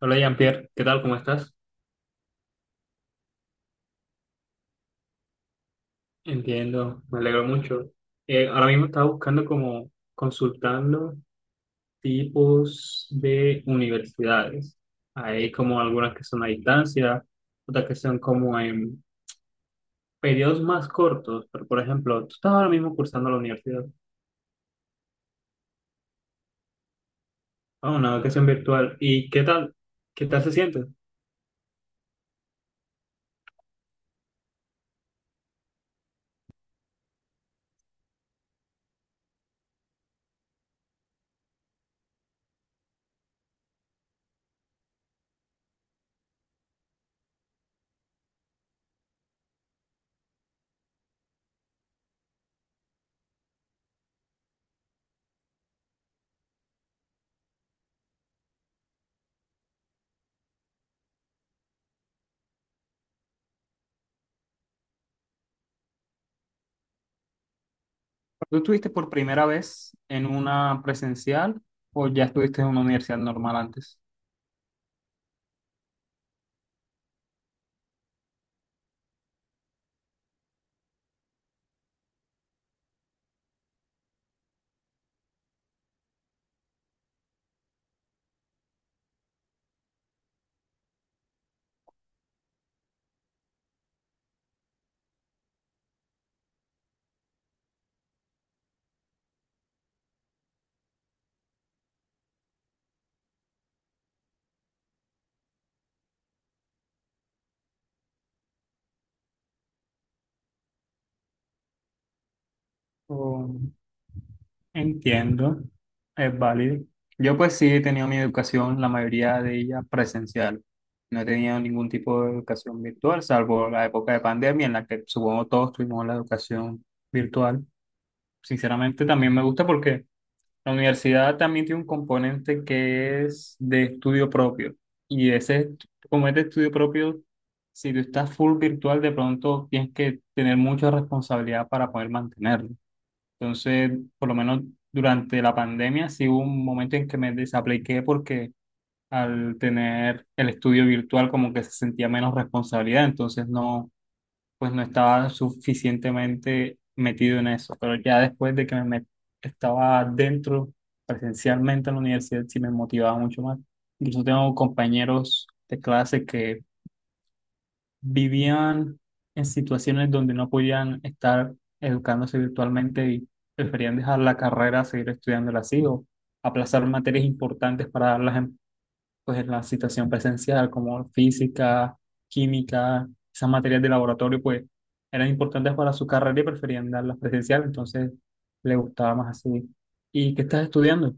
Hola Jean-Pierre, ¿qué tal? ¿Cómo estás? Entiendo, me alegro mucho. Ahora mismo estaba buscando como consultando tipos de universidades. Hay como algunas que son a distancia, otras que son como en periodos más cortos, pero por ejemplo, tú estás ahora mismo cursando la universidad, a una educación virtual, ¿y qué tal? ¿Qué tal se siente? ¿Tú estuviste por primera vez en una presencial o ya estuviste en una universidad normal antes? Entiendo, es válido. Yo pues sí he tenido mi educación, la mayoría de ella presencial. No he tenido ningún tipo de educación virtual, salvo la época de pandemia en la que supongo todos tuvimos la educación virtual. Sinceramente también me gusta porque la universidad también tiene un componente que es de estudio propio. Y ese, est- Como es de estudio propio, si tú estás full virtual, de pronto tienes que tener mucha responsabilidad para poder mantenerlo. Entonces, por lo menos durante la pandemia, sí hubo un momento en que me desapliqué porque al tener el estudio virtual como que se sentía menos responsabilidad, entonces no, pues no estaba suficientemente metido en eso. Pero ya después de que estaba dentro presencialmente en la universidad, sí me motivaba mucho más. Incluso tengo compañeros de clase que vivían en situaciones donde no podían estar educándose virtualmente y preferían dejar la carrera, seguir estudiándola así o aplazar materias importantes para darlas en, pues, en la situación presencial, como física, química, esas materias de laboratorio, pues eran importantes para su carrera y preferían darlas presencial, entonces le gustaba más así. ¿Y qué estás estudiando?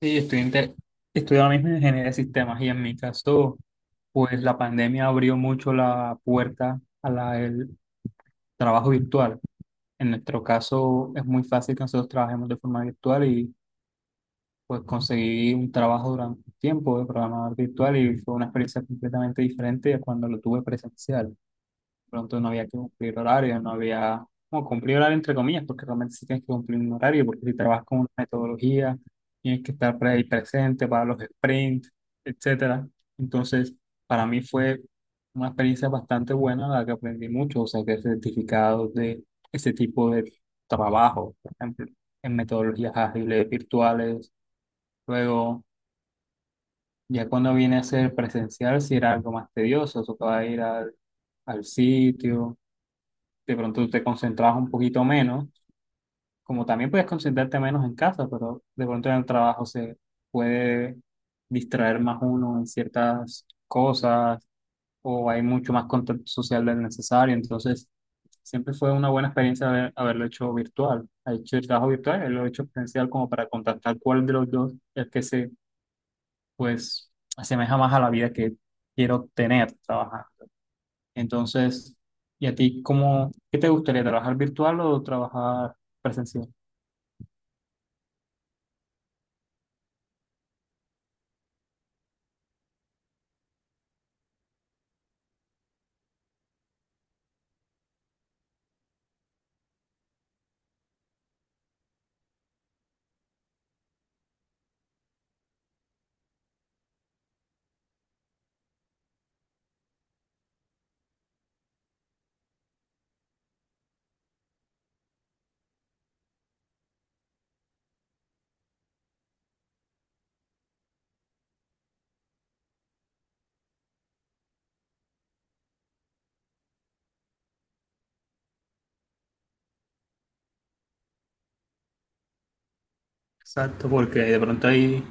Sí, estoy ahora mismo en ingeniería de sistemas y en mi caso, pues la pandemia abrió mucho la puerta el trabajo virtual. En nuestro caso es muy fácil que nosotros trabajemos de forma virtual y pues conseguí un trabajo durante un tiempo de programador virtual y fue una experiencia completamente diferente a cuando lo tuve presencial pronto no había que cumplir horario, no había, no, cumplir horario entre comillas, porque realmente sí tienes que cumplir un horario, porque si trabajas con una metodología, tienes que estar ahí presente para los sprints, etcétera. Entonces, para mí fue una experiencia bastante buena, la que aprendí mucho, o sea, que certificados de ese tipo de trabajo, por ejemplo, en metodologías ágiles, virtuales, luego... Ya cuando viene a ser presencial, si era algo más tedioso, tocaba ir al, al sitio, de pronto te concentrabas un poquito menos, como también puedes concentrarte menos en casa, pero de pronto en el trabajo se puede distraer más uno en ciertas cosas o hay mucho más contacto social del necesario, entonces siempre fue una buena experiencia haberlo hecho virtual. Ha hecho el trabajo virtual, él lo he hecho presencial como para contactar cuál de los dos es que se, pues, asemeja más a la vida que quiero tener trabajando. Entonces, ¿y a ti cómo, qué te gustaría, trabajar virtual o trabajar presencial? Exacto, porque de pronto hay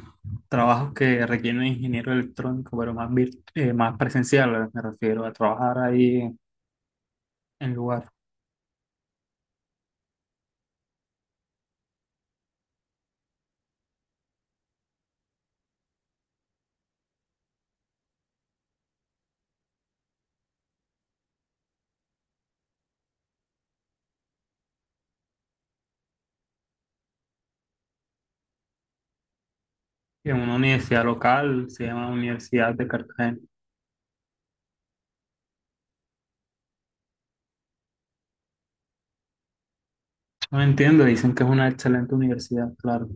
trabajos que requieren un ingeniero electrónico, pero más, más presencial, me refiero a trabajar ahí en lugar, en una universidad local, se llama Universidad de Cartagena. No entiendo, dicen que es una excelente universidad, claro.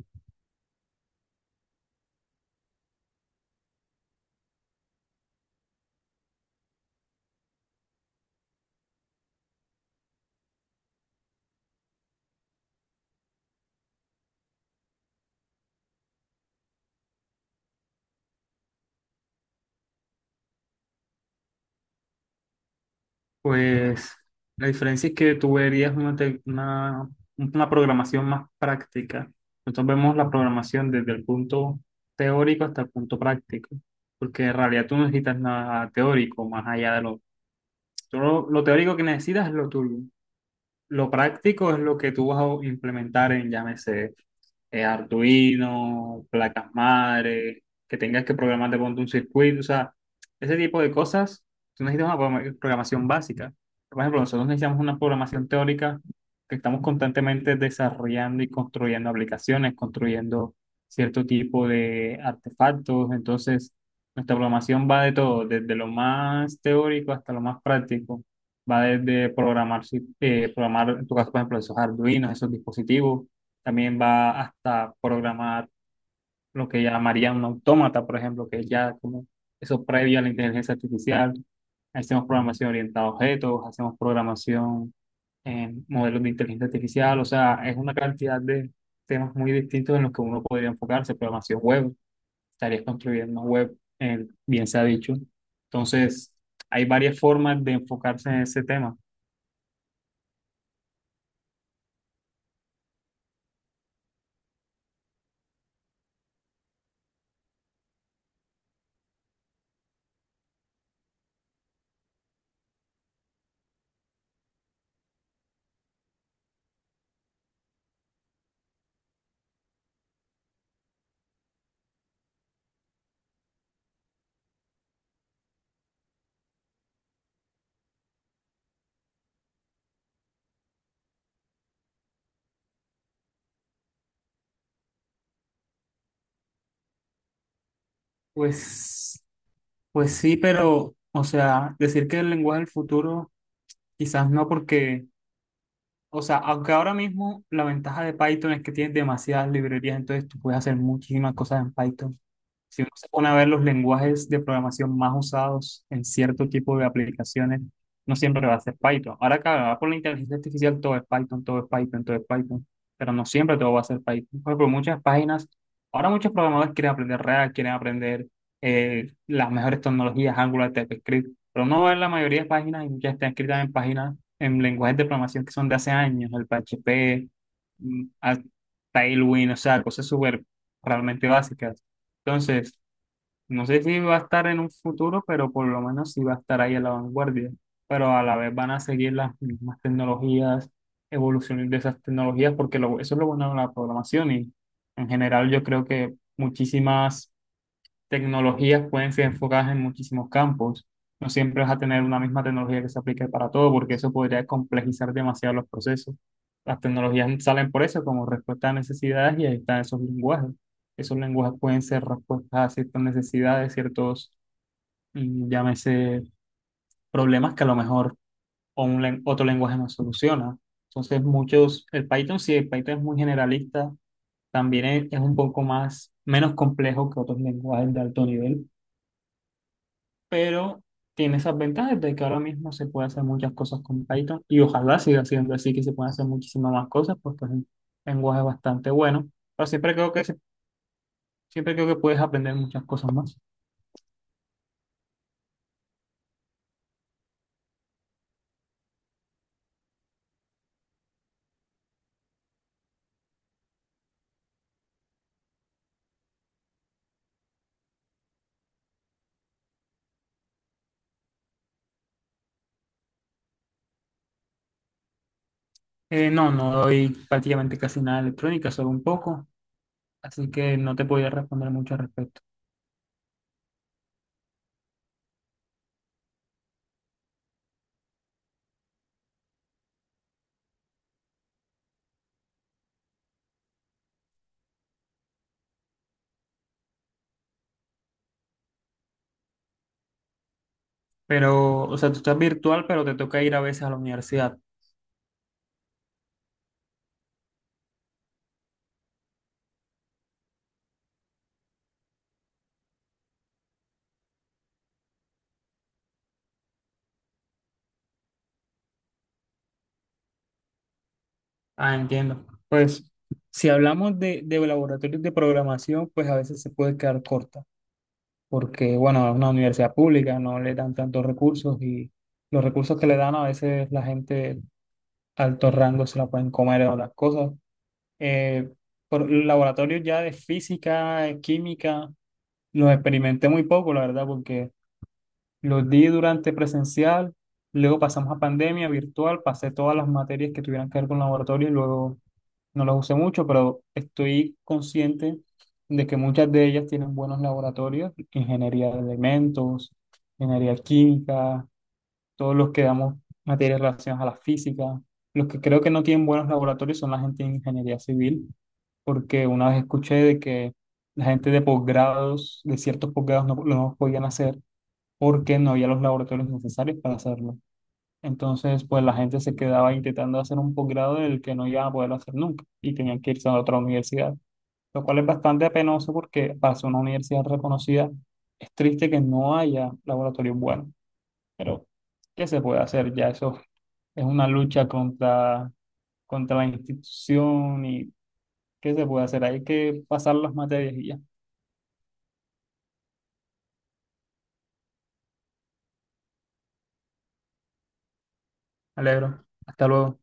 Pues la diferencia es que tú verías una programación más práctica. Nosotros vemos la programación desde el punto teórico hasta el punto práctico, porque en realidad tú no necesitas nada teórico más allá de lo... tú lo teórico que necesitas es lo tuyo. Lo práctico es lo que tú vas a implementar en, llámese, Arduino, placas madre, que tengas que programar de pronto un circuito, o sea, ese tipo de cosas, tú necesitas una programa- programación básica. Por ejemplo, nosotros necesitamos una programación teórica que estamos constantemente desarrollando y construyendo aplicaciones, construyendo cierto tipo de artefactos, entonces nuestra programación va de todo, desde lo más teórico hasta lo más práctico. Va desde programar, si- programar, en tu caso, por ejemplo, esos Arduinos, esos dispositivos, también va hasta programar lo que llamaría un autómata, por ejemplo, que es ya como eso previo a la inteligencia artificial. Hacemos programación orientada a objetos, hacemos programación en modelos de inteligencia artificial. O sea, es una cantidad de temas muy distintos en los que uno podría enfocarse. Programación web, estarías construyendo una web, bien se ha dicho. Entonces, hay varias formas de enfocarse en ese tema. Pues, pues sí, pero, o sea, decir que el lenguaje del futuro quizás no porque, o sea, aunque ahora mismo la ventaja de Python es que tienes demasiadas librerías, entonces tú puedes hacer muchísimas cosas en Python. Si uno se pone a ver los lenguajes de programación más usados en cierto tipo de aplicaciones, no siempre va a ser Python. Ahora, claro, ahora por la inteligencia artificial todo es Python, todo es Python, todo es Python, pero no siempre todo va a ser Python. Por ejemplo, muchas páginas, ahora muchos programadores quieren aprender React, quieren aprender las mejores tecnologías, Angular, TypeScript pero uno ve la mayoría de páginas y ya están escritas en páginas, en lenguajes de programación que son de hace años, el PHP, mm, a- Tailwind, o sea, cosas súper realmente básicas. Entonces, no sé si va a estar en un futuro, pero por lo menos sí va a estar ahí a la vanguardia. Pero a la vez van a seguir las mismas tecnologías, evoluciones de esas tecnologías, porque eso es lo bueno de la programación y en general yo creo que muchísimas tecnologías pueden ser enfocadas en muchísimos campos. No siempre vas a tener una misma tecnología que se aplique para todo, porque eso podría complejizar demasiado los procesos. Las tecnologías salen por eso, como respuesta a necesidades, y ahí están esos lenguajes. Esos lenguajes pueden ser respuestas a ciertas necesidades, ciertos, llámese, problemas que a lo mejor o otro lenguaje no soluciona. Entonces, muchos, el Python sí, el Python es muy generalista, también es un poco más, menos complejo que otros lenguajes de alto nivel pero tiene esas ventajas de que ahora mismo se puede hacer muchas cosas con Python y ojalá siga siendo así, que se puedan hacer muchísimas más cosas, porque es un lenguaje bastante bueno, pero siempre creo que puedes aprender muchas cosas más. No, no doy prácticamente casi nada de electrónica, solo un poco, así que no te podría responder mucho al respecto. Pero, o sea, tú estás virtual, pero te toca ir a veces a la universidad. Ah, entiendo. Pues, si hablamos de laboratorios de programación, pues a veces se puede quedar corta porque, bueno, es una universidad pública, no le dan tantos recursos y los recursos que le dan a veces la gente de alto rango se la pueden comer o las cosas. Eh, por laboratorios ya de física, química, los experimenté muy poco, la verdad, porque los di durante presencial, luego pasamos a pandemia virtual, pasé todas las materias que tuvieran que ver con laboratorio y luego no las usé mucho, pero estoy consciente de que muchas de ellas tienen buenos laboratorios, ingeniería de elementos, ingeniería química, todos los que damos materias relacionadas a la física. Los que creo que no tienen buenos laboratorios son la gente de ingeniería civil, porque una vez escuché de que la gente de posgrados, de ciertos posgrados, no, no podían hacer porque no había los laboratorios necesarios para hacerlo. Entonces, pues la gente se quedaba intentando hacer un posgrado del que no iban a poder hacer nunca y tenían que irse a otra universidad, lo cual es bastante penoso porque para ser una universidad reconocida es triste que no haya laboratorios buenos, pero ¿qué se puede hacer? Ya eso es una lucha contra la institución y ¿qué se puede hacer? Hay que pasar las materias y ya. Me alegro. Hasta luego.